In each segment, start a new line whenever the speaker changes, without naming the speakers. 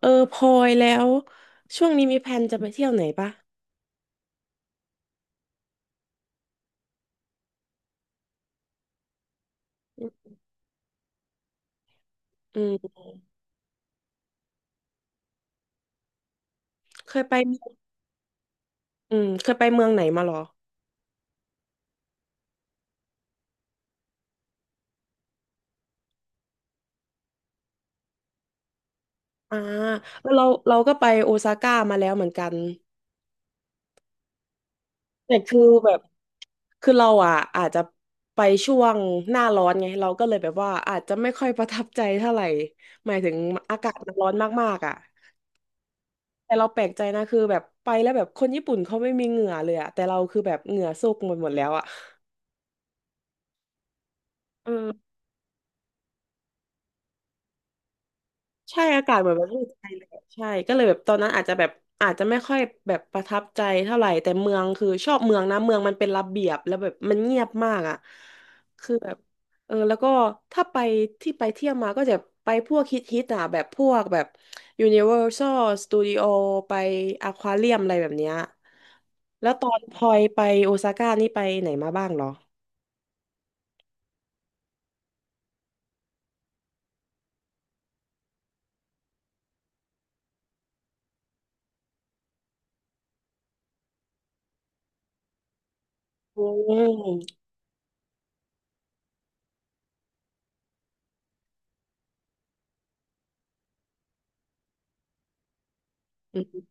เออพลอยแล้วช่วงนี้มีแผนจะไปเที่ยวไหนปะอืมเคยไปอืมเคยไปเมืองไหนมาหรออ่าเราก็ไปโอซาก้ามาแล้วเหมือนกันแต่คือแบบคือเราอ่ะอาจจะไปช่วงหน้าร้อนไงเราก็เลยแบบว่าอาจจะไม่ค่อยประทับใจเท่าไหร่หมายถึงอากาศมันร้อนมากๆอ่ะแต่เราแปลกใจนะคือแบบไปแล้วแบบคนญี่ปุ่นเขาไม่มีเหงื่อเลยอ่ะแต่เราคือแบบเหงื่อโซกหมดแล้วอ่ะเออ ใช่อากาศเหมือนปบะเทศไทยเลยใช่ก็เลยแบบตอนนั้นอาจจะแบบอาจจะไม่ค่อยแบบประทับใจเท่าไหร่แต่เมืองคือชอบเมืองนะเมืองมันเป็นระเบียบแล้วแบบมันเงียบมากอ่ะคือแบบเออแล้วก็ถ้าไปที่ไปเที่ยวมาก็จะไปพวกฮิตฮิตอ่ะแบบพวกแบบ Universal Studio ไปอควาเรียมอะไรแบบเนี้ยแล้วตอนพลอยไปโอซาก้านี่ไปไหนมาบ้างเหรออืม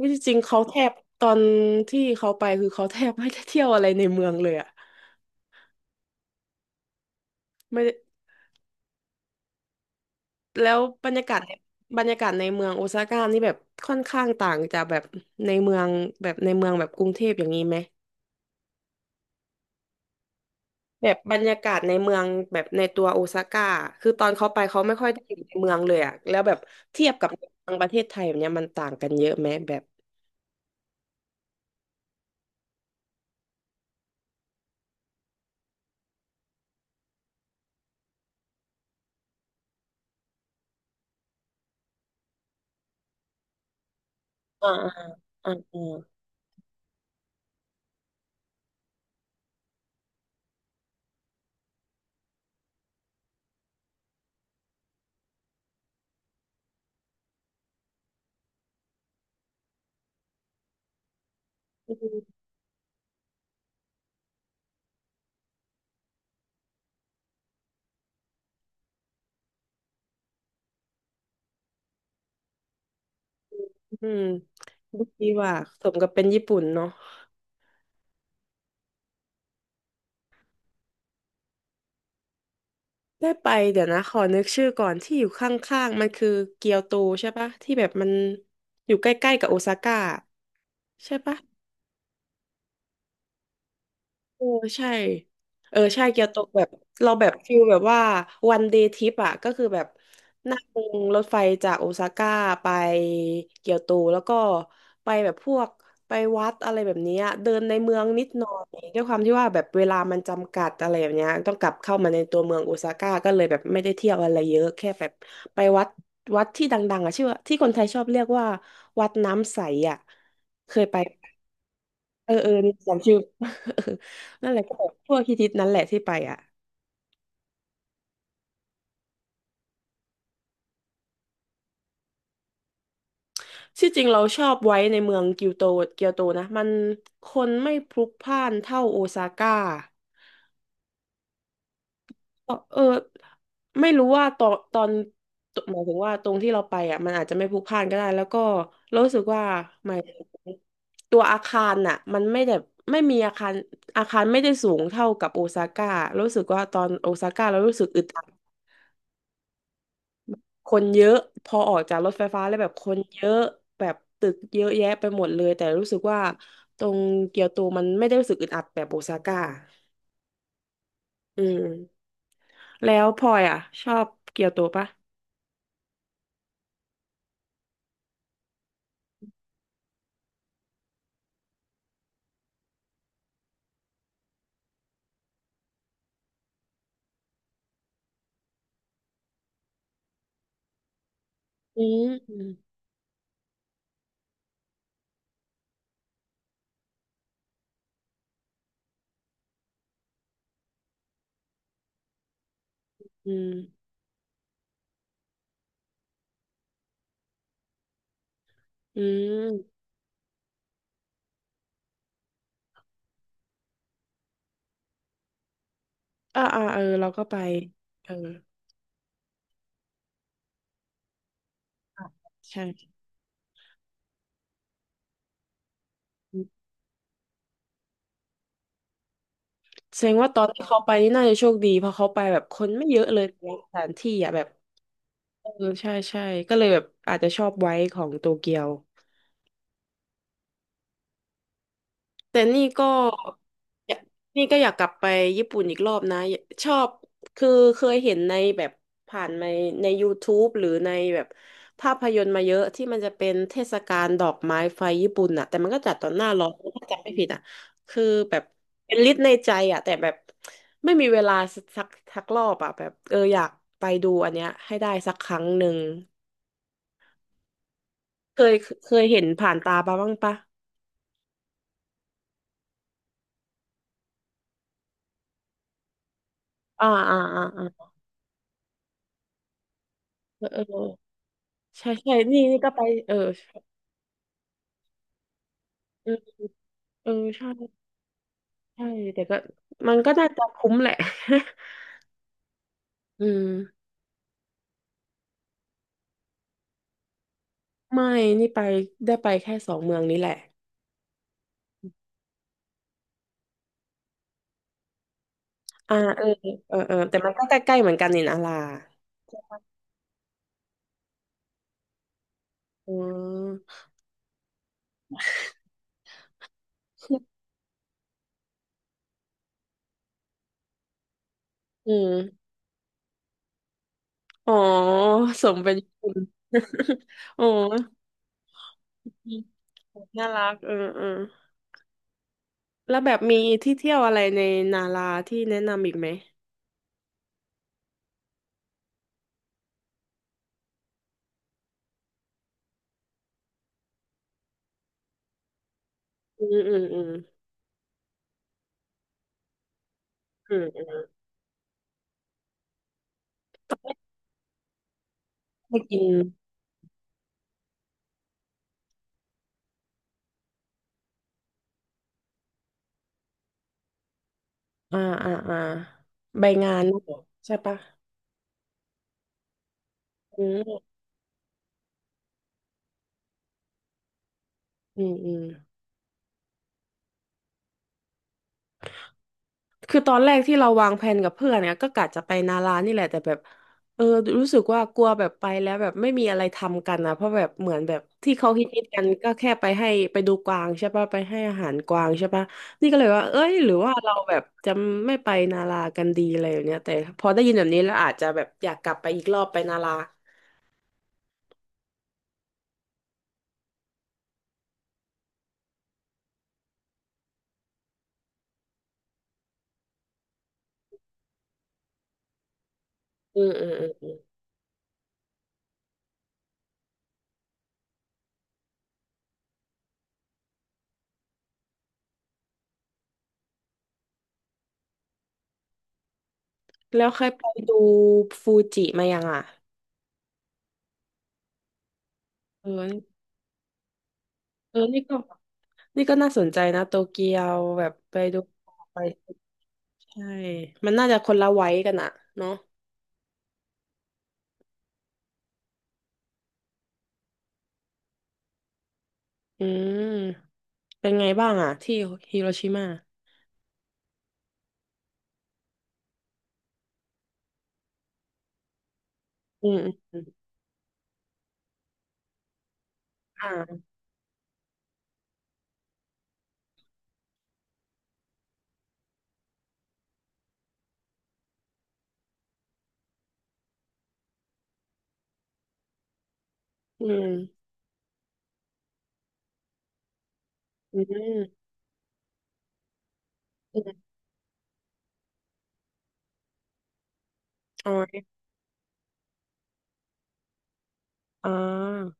วิจริงๆเขาแทบตอนที่เขาไปคือเขาแทบไม่ได้เที่ยวอะไรในเมืองเลยอะไม่ได้แล้วบรรยากาศบรรยากาศในเมืองโอซาก้านี่แบบค่อนข้างต่างจากแบบในเมืองแบบในเมืองแบบกรุงเทพอย่างนี้ไหมแบบบรรยากาศในเมืองแบบในตัวโอซาก้าคือตอนเขาไปเขาไม่ค่อยได้อยู่ในเมืองเลยอะแล้วแบบเทียบกับในเมืองประเทศไทยแบบเนี้ยมันต่างกันเยอะไหมแบบอ่าอ่าอ่าอาอืมดีว่าสมกับเป็นญี่ปุ่นเนาะ ได้ไปเดี๋ยวนะขอนึกชื่อก่อนที่อยู่ข้างๆมันคือเกียวโตใช่ปะที่แบบมันอยู่ใกล้ๆกับโอซาก้าใช่ปะ เออใช่เออใช่เกียวโตแบบเราแบบฟิลแบบว่าวันเดย์ทริปอ่ะก็คือแบบนั่งรถไฟจากโอซาก้าไปเกียวโตแล้วก็ไปแบบพวกไปวัดอะไรแบบเนี้ยเดินในเมืองนิดหน่อยด้วยความที่ว่าแบบเวลามันจำกัดอะไรแบบเนี้ยต้องกลับเข้ามาในตัวเมืองโอซาก้าก็เลยแบบไม่ได้เที่ยวอะไรเยอะแค่แบบไปวัดวัดที่ดังๆอ่ะชื่อว่าที่คนไทยชอบเรียกว่าวัดน้ำใสอ่ะเคยไป เออเออนี่จำชื่อ เออนั่นแหละก็แบบพวกฮิตๆนั้นแหละที่ไปอ่ะที่จริงเราชอบไว้ในเมืองเกียวโตเกียวโตนะมันคนไม่พลุกพล่านเท่าโอซาก้าก็เออไม่รู้ว่าตอนหมายถึงว่าตรงที่เราไปอ่ะมันอาจจะไม่พลุกพล่านก็ได้แล้วก็เรารู้สึกว่าหมายถึงตัวอาคารน่ะมันไม่แบบไม่มีอาคารอาคารไม่ได้สูงเท่ากับโอซาก้ารู้สึกว่าตอนโอซาก้าเรารู้สึกอึดอัด คนเยอะพอออกจากรถไฟฟ้าแล้วแบบคนเยอะแบบตึกเยอะแยะไปหมดเลยแต่รู้สึกว่าตรงเกียวโตมันไม่ได้รู้สึกอึดอัดแบบโอซาก้าอืมแล้วพลอยอ่ะชอบเกียวโตปะอืมอืมอืมอืมอ่าอ่าเออเราก็ไปเออใช่แสดงว่าตอนที่เขาไปนี่น่าจะโชคดีเพราะเขาไปแบบคนไม่เยอะเลยสถานที่อ่ะแบบเออใช่ใช่ก็เลยแบบอาจจะชอบไว้ของโตเกียว แต่นี่ก็อยากนี่ก็อยากกลับไปญี่ปุ่นอีกรอบนะชอบคือเคยเห็นในแบบผ่านในใน YouTube หรือในแบบภาพยนตร์มาเยอะที่มันจะเป็นเทศกาลดอกไม้ไฟญี่ปุ่นน่ะแต่มันก็จัดตอนหน้าร้อนถ้าจำไม่ผิดอ่ะคือแบบเป็นลิสต์ในใจอ่ะแต่แบบไม่มีเวลาสักสักรอบอ่ะแบบเอออยากไปดูอันเนี้ยให้ได้สักครั้งหนึ่งเคยเคยเห็นผ่านตาปะบ้างปะอ่าอ่าอ่าอ่าเออ ใช่ใช่นี่นี่ก็ไปเออเออเออใช่ใช่แต่ก็มันก็น่าจะคุ้มแหละ อืมไม่นี่ไปได้ไปแค่สองเมืองนี้แหละอ่าเออเออเออแต่มันก็ใกล้ๆเหมือนกันนี่นะลาอืมอืมอ๋อสมเป็นญี่ปุ่น อ๋อน่ารักเออเออแล้วแบบมีที่เที่ยวอะไรในนาราที่แนะนำอีกไหมอืมอืมอืมอืมอืมไปกิน อ่าอ่าอ่าใบงานเนอะใช่ปะอืมอืมอืมคือตอนแรกที่เราวางแผนกับเพื่อนเนี่ยก็กะจะไปนารานี่แหละแต่แบบเออรู้สึกว่ากลัวแบบไปแล้วแบบไม่มีอะไรทำกันนะเพราะแบบเหมือนแบบที่เขาฮิตๆกันก็แค่ไปให้ไปดูกวางใช่ปะไปให้อาหารกวางใช่ปะนี่ก็เลยว่าเอ้ยหรือว่าเราแบบจะไม่ไปนารากันดีอะไรอย่างเนี้ยแต่พอได้ยินแบบนี้แล้วอาจจะแบบอยากกลับไปอีกรอบไปนาราอืมอืมอืมอืมแล้วเคยไปดูฟูจิมายังอ่ะเออ เออนี่ก็น่าสนใจนะโตเกียวแบบไปดูไป ใช่ มันน่าจะคนละไว้กันอะเนาะอืมเป็นไงบ้างอะที่ฮิโรชิมาอืมอืมอ่าอืมอืม อืมอ๋ออ่า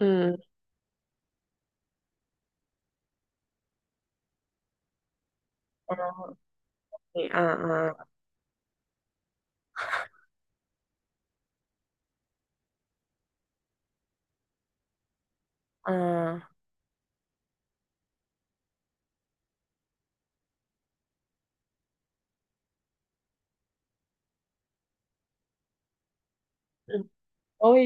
อืมอ๋ออ่าอ่าอ่าอืมโอ้ย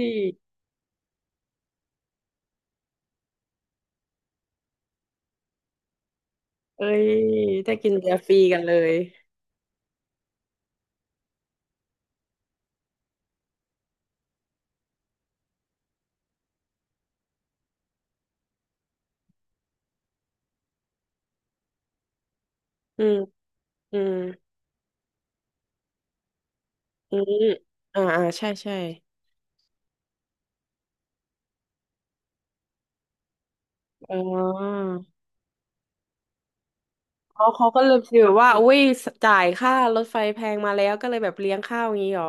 เอ้ยได้กินเบียร์ฟรีกันเลย อืม อืม อืมอ่าอ่าใช่ ใช่อ๋อ อ๋อเขาก็เลยฟีลว่าอุ้ยจ่ายค่ารถไฟแพงมาแล้วก็เลยแบบเลี้ยงข้าวอย่างนี้หรอ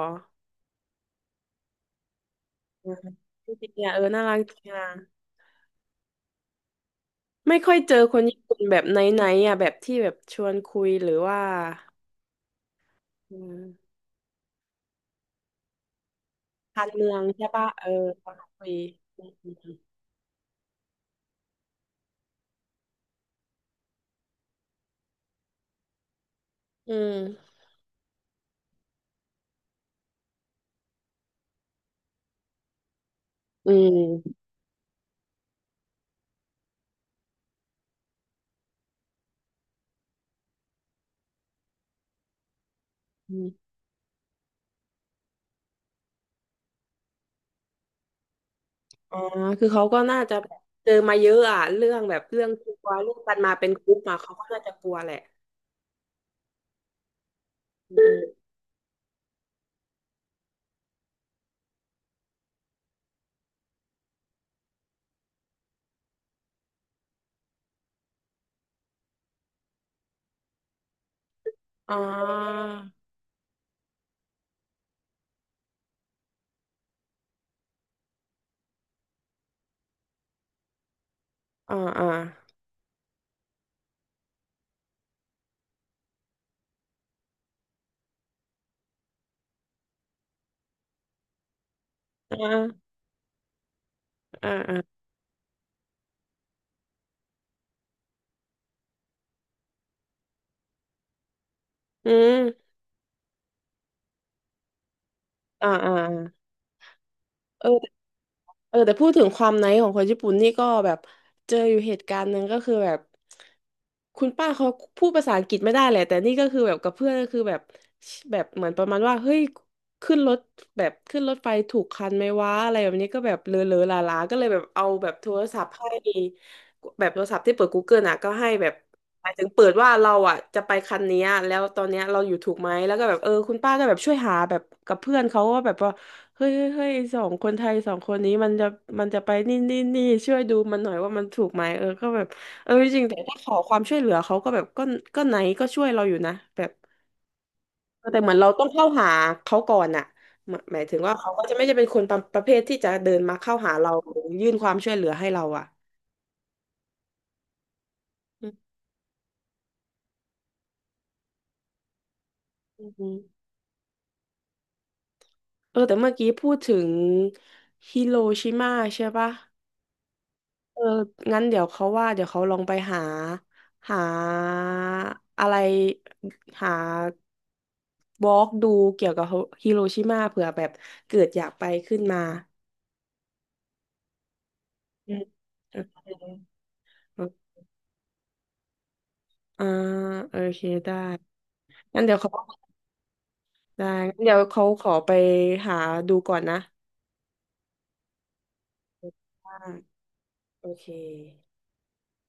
อืมจริงๆอ่ะเออน่ารักจริงอ่ะไม่ค่อยเจอคนญี่ปุ่นแบบไหนๆอ่ะแบบที่แบบชวนคุยหรือว่าอืมการเมืองใช่ปะเออชวนคุยอืมอืมอืมอืมอ๋อคือเขาก็น่าจะแบบเจอมาเยอะอ่ะเรื่องแบบเรื่องกลัวเรื่องกันมาเป็นกลุ่มอ่ะเขาก็น่าจะกลัวแหละอืมอ๋ออ๋ออ๋ออ๋ออ๋อาอืม อ่าอ่าเออเออแต่พูดถึงความไนท์ของคนญี่ปุ่นนี่ก็แบบเจออยู่เหตุการณ์หนึ่งก็คือแบบคุณป้าเขาพูดภาษาอังกฤษไม่ได้แหละแต่นี่ก็คือแบบกับเพื่อนก็คือแบบแบบเหมือนประมาณว่าเฮ้ยขึ้นรถแบบขึ้นรถไฟถูกคันไหมวะอะไรแบบนี้ก็แบบเลอะเลอะลาลาๆก็เลยแบบเอาแบบโทรศัพท์ให้แบบโทรศัพท์ที่เปิดกูเก l ลอ่ะก็ให้แบบหมายถึงเปิดว่าเราอ่ะจะไปคันเนี้ยแล้วตอนเนี้ยเราอยู่ถูกไหมแล้วก็แบบเออคุณป้าก็แบบช่วยหาแบบกับเพื่อนเขาว่าแบบว่า เฮ้ยเฮ้ยเฮ้ยสองคนไทยสองคนนี้มันจะไปนี่นี่นี่ช่วยดูมันหน่อยว่ามันถูกไหมเออก็แบบเออจริงๆแต่ถ้าขอความช่วยเหลือเขาก็แบบก็ก็ไหนก็ช่วยเราอยู่นะแบบเออแต่เหมือนเราต้องเข้าหาเขาก่อนอะหมายถึงว่าเขาก็จะไม่ได้เป็นคนประเภทที่จะเดินมาเข้าหาเราหรือยื่นความช่วยเหลือให้เราอะอืมอืมเออแต่เมื่อกี้พูดถึงฮิโรชิมาใช่ปะ เอองั้นเดี๋ยวเขาว่าเดี๋ยวเขาลองไปหาหาอะไรหาบล็อกดูเกี่ยวกับฮิโรชิมาเผื่อแบบเกิดอยากไปขึ้นมาอืมเอเคออ่าโอเคได้งั้นเดี๋ยวเขาได้งั้นเดี๋ยวเขาขอไปหาดูก่อนนะอ่าโอเค